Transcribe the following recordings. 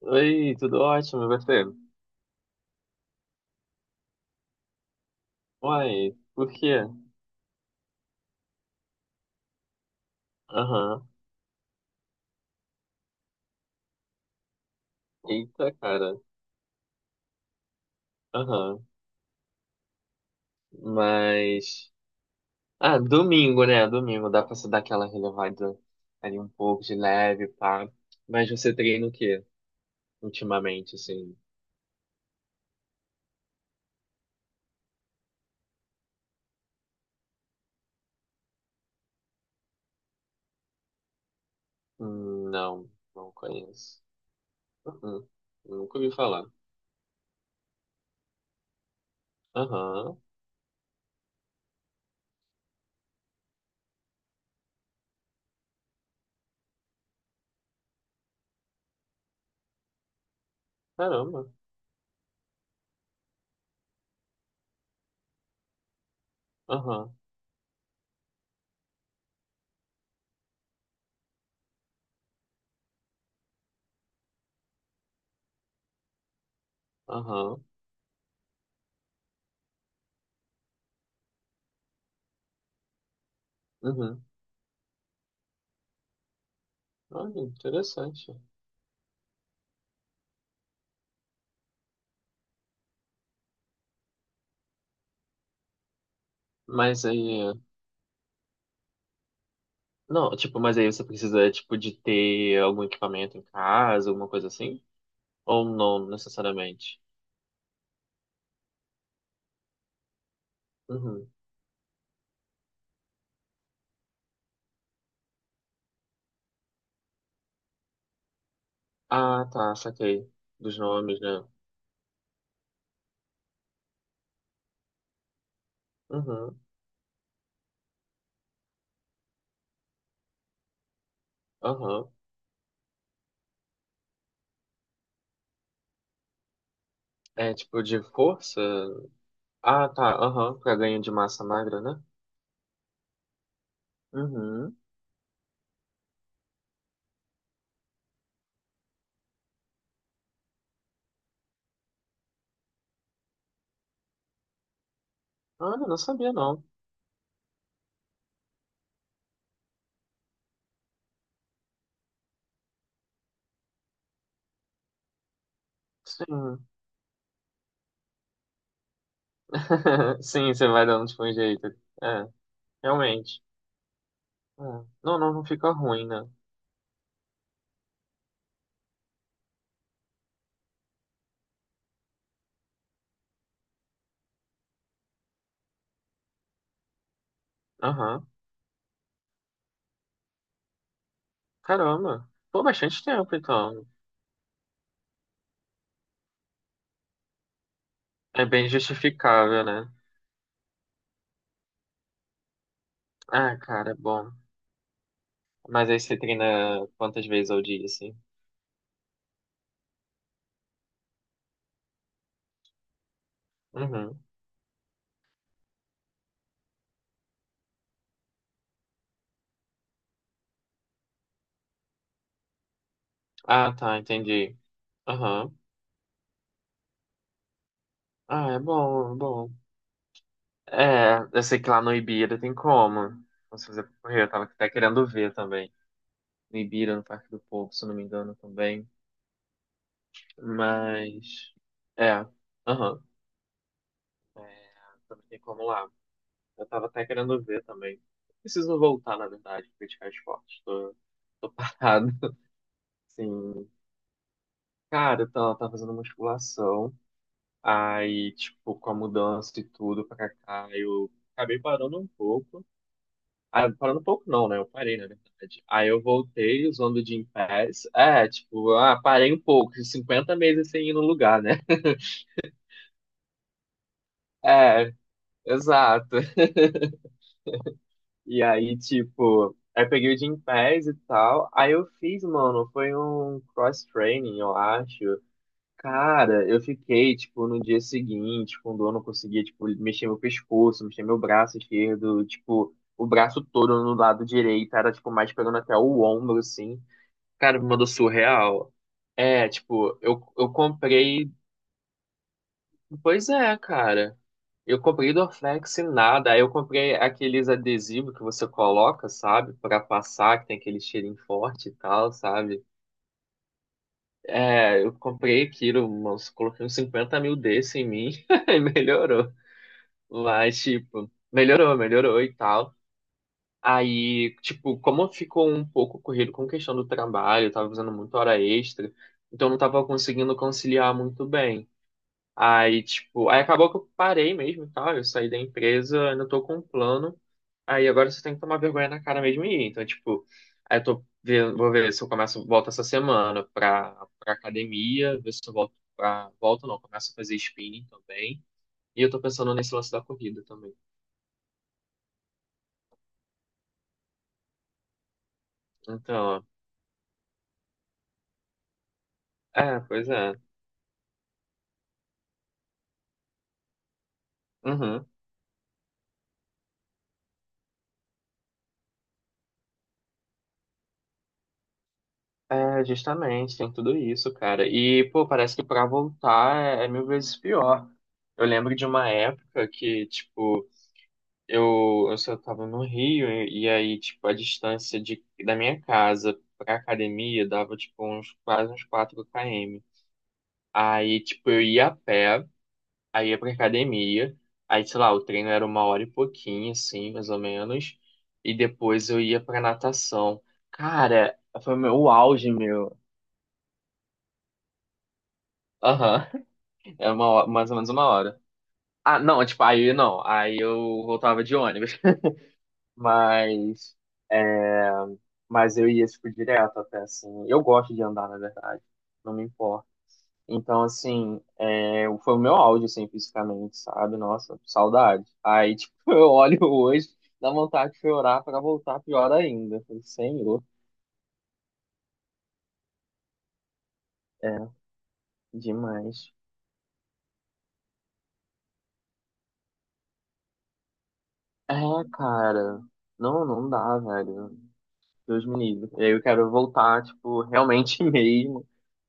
Oi, tudo ótimo, e você? Uai, por quê? Aham. Eita, cara. Aham. Mas. Ah, domingo, né? Domingo dá pra se dar aquela relevada ali um pouco de leve, pá. Mas você treina o quê ultimamente, assim? Não, não conheço. Uhum. Nunca ouvi falar. Aham. Caramba. Aham. Aham. Uhum. Olha, interessante. Mas aí. Não, tipo, mas aí você precisa, tipo, de ter algum equipamento em casa, alguma coisa assim? Ou não necessariamente? Uhum. Ah, tá, saquei. Dos nomes, né? Uhum, aham. É tipo de força? Ah, tá, aham. Pra ganho de massa magra, né? Uhum. Olha, não sabia não. Sim. Sim, você vai dando tipo um jeito. É, realmente. É. Não, não, não fica ruim, né? Aham. Caramba. Pô, bastante tempo, então. É bem justificável, né? Ah, cara, é bom. Mas aí você treina quantas vezes ao dia, assim? Uhum. Ah, tá, entendi. Aham. Ah, é bom, é bom. É, eu sei que lá no Ibira tem como você fazer pra correr, eu tava até querendo ver também. No Ibira, no Parque do Povo, se eu não me engano, também. Mas. É. Aham. É, também tem como lá. Eu tava até querendo ver também. Preciso voltar, na verdade, praticar esporte. Tô parado. Sim. Cara, eu tava fazendo musculação, aí, tipo, com a mudança e tudo pra cá, eu acabei parando um pouco. Ah, parando um pouco não, né? Eu parei, na verdade. Aí eu voltei usando o Gym Pass. É, tipo, ah, parei um pouco, 50 meses sem ir no lugar, né? É, exato. E aí, tipo, aí eu peguei o Gym Pass e tal, aí eu fiz, mano, foi um cross-training, eu acho. Cara, eu fiquei, tipo, no dia seguinte, quando eu não conseguia, tipo, mexer meu pescoço, mexer meu braço esquerdo, tipo, o braço todo no lado direito, era, tipo, mais pegando até o ombro, assim. Cara, me mandou surreal. É, tipo, eu comprei. Pois é, cara. Eu comprei Dorflex e nada. Aí eu comprei aqueles adesivos que você coloca, sabe? Pra passar, que tem aquele cheirinho forte e tal, sabe? É, eu comprei aquilo, uns, coloquei uns 50 mil desse em mim e melhorou. Mas, tipo, melhorou, melhorou e tal. Aí, tipo, como ficou um pouco corrido com questão do trabalho, eu tava fazendo muita hora extra, então eu não tava conseguindo conciliar muito bem. Aí, tipo, aí acabou que eu parei mesmo e tal, eu saí da empresa, ainda tô com um plano. Aí agora você tem que tomar vergonha na cara mesmo e ir. Então, tipo, aí eu tô vendo, vou ver se eu começo, volto essa semana pra, academia, ver se eu volto pra, volto não, começo a fazer spinning também. E eu tô pensando nesse lance da corrida também. Então, é, pois é. Uhum. É, justamente, tem tudo isso, cara. E, pô, parece que pra voltar é mil vezes pior. Eu lembro de uma época que, tipo, eu só tava no Rio e aí, tipo, a distância da minha casa pra academia dava, tipo, uns, quase uns 4 km. Aí, tipo, eu ia a pé, aí ia pra academia, aí, sei lá, o treino era uma hora e pouquinho, assim, mais ou menos, e depois eu ia pra natação. Cara, foi o meu o auge, meu. Aham, é uma, mais ou menos uma hora. Ah, não, tipo, aí não, aí eu voltava de ônibus. Mas Mas eu ia, tipo, direto até, assim. Eu gosto de andar, na verdade. Não me importa. Então, assim, é, foi o meu auge, assim, fisicamente, sabe? Nossa, saudade. Aí, tipo, eu olho hoje, dá vontade de chorar pra voltar pior ainda. Eu falei, Senhor, é, demais. É, cara, não, não dá, velho. Deus me livre. E aí eu quero voltar, tipo, realmente mesmo,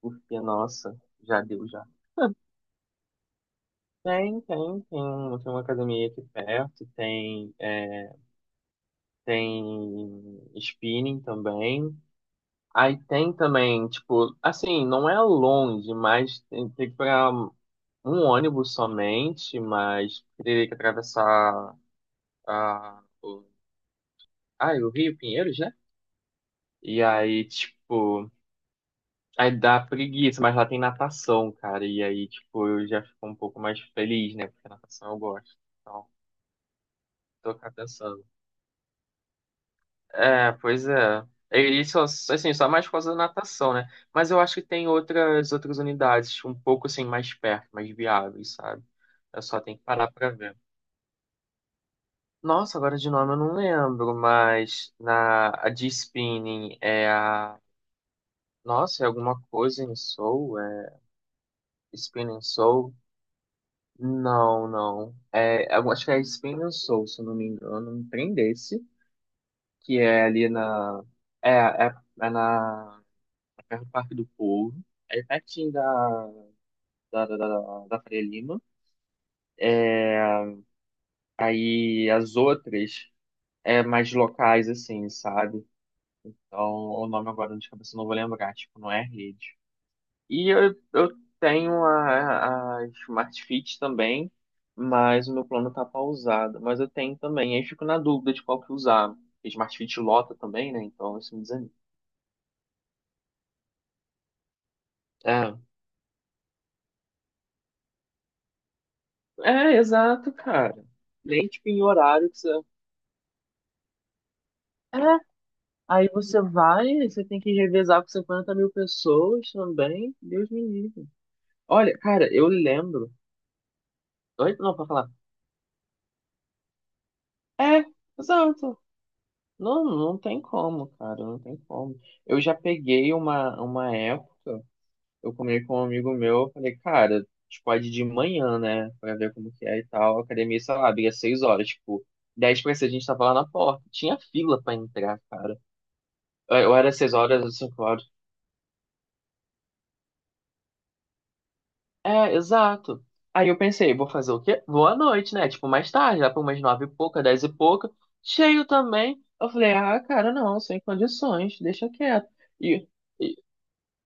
porque, nossa, já deu já. Tem, tem, tem uma academia aqui perto, tem. É, tem spinning também. Aí tem também, tipo, assim, não é longe, mas tem que pegar um ônibus somente, mas teria que atravessar a, o, o Rio Pinheiros, né? E aí, tipo, aí dá preguiça, mas lá tem natação, cara. E aí, tipo, eu já fico um pouco mais feliz, né? Porque natação eu gosto. Então, tô cá pensando. É, pois é. E só, assim, só mais por causa da natação, né? Mas eu acho que tem outras unidades um pouco assim mais perto, mais viáveis, sabe? Eu só tenho que parar pra ver. Nossa, agora de nome eu não lembro, mas na a de spinning é a. Nossa, é alguma coisa em Soul, é Spinning Soul? Não, não. É, eu acho que é Spinning Soul, se eu não me engano, um trem desse, que é ali na é, é, é na perto do Parque do Povo, aí pertinho da Faria Lima. É, aí as outras é mais locais, assim, sabe? Então, o nome agora de cabeça eu não vou lembrar, tipo, não é rede. E eu tenho a Smart Fit também, mas o meu plano tá pausado. Mas eu tenho também, aí eu fico na dúvida de qual que usar. Smart Fit lota também, né? Então isso me desanima. É, é exato, cara. Nem tipo em horário que você. É, aí você vai, você tem que revezar com 50 mil pessoas também. Deus me livre. Olha, cara, eu lembro. Oi? Não, pra falar. É, exato. Não, não tem como, cara, não tem como. Eu já peguei uma época, eu comi com um amigo meu, eu falei, cara, tipo, pode ir de manhã, né? Pra ver como que é e tal. A academia, sei lá, abria 6 horas, tipo, 10 pra 6 a gente tava lá na porta. Tinha fila pra entrar, cara. Eu era 6 horas ou 5 horas. É, exato. Aí eu pensei, vou fazer o quê? Vou à noite, né? Tipo, mais tarde, lá por umas nove e pouca, dez e pouca. Cheio também. Eu falei, ah, cara, não, sem condições, deixa quieto. E, e-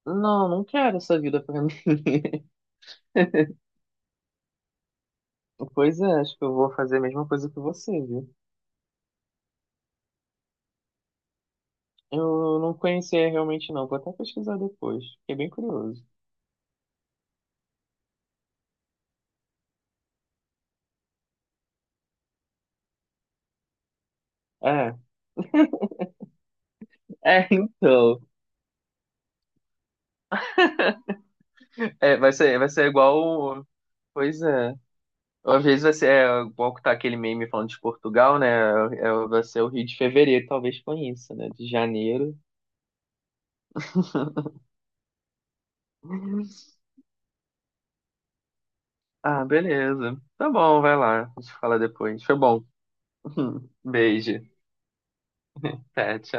não, não quero essa vida pra mim. Pois é, acho que eu vou fazer a mesma coisa que você, viu? Eu não conhecia realmente, não. Vou até pesquisar depois. Fiquei bem curioso. É, então. É, vai ser, igual. Pois é. Às vezes vai ser, é, igual que tá aquele meme falando de Portugal, né? É, vai ser o Rio de Fevereiro, talvez conheça, né? De janeiro. Ah, beleza. Tá bom, vai lá. A gente fala depois. Foi bom. Beijo. Tchau.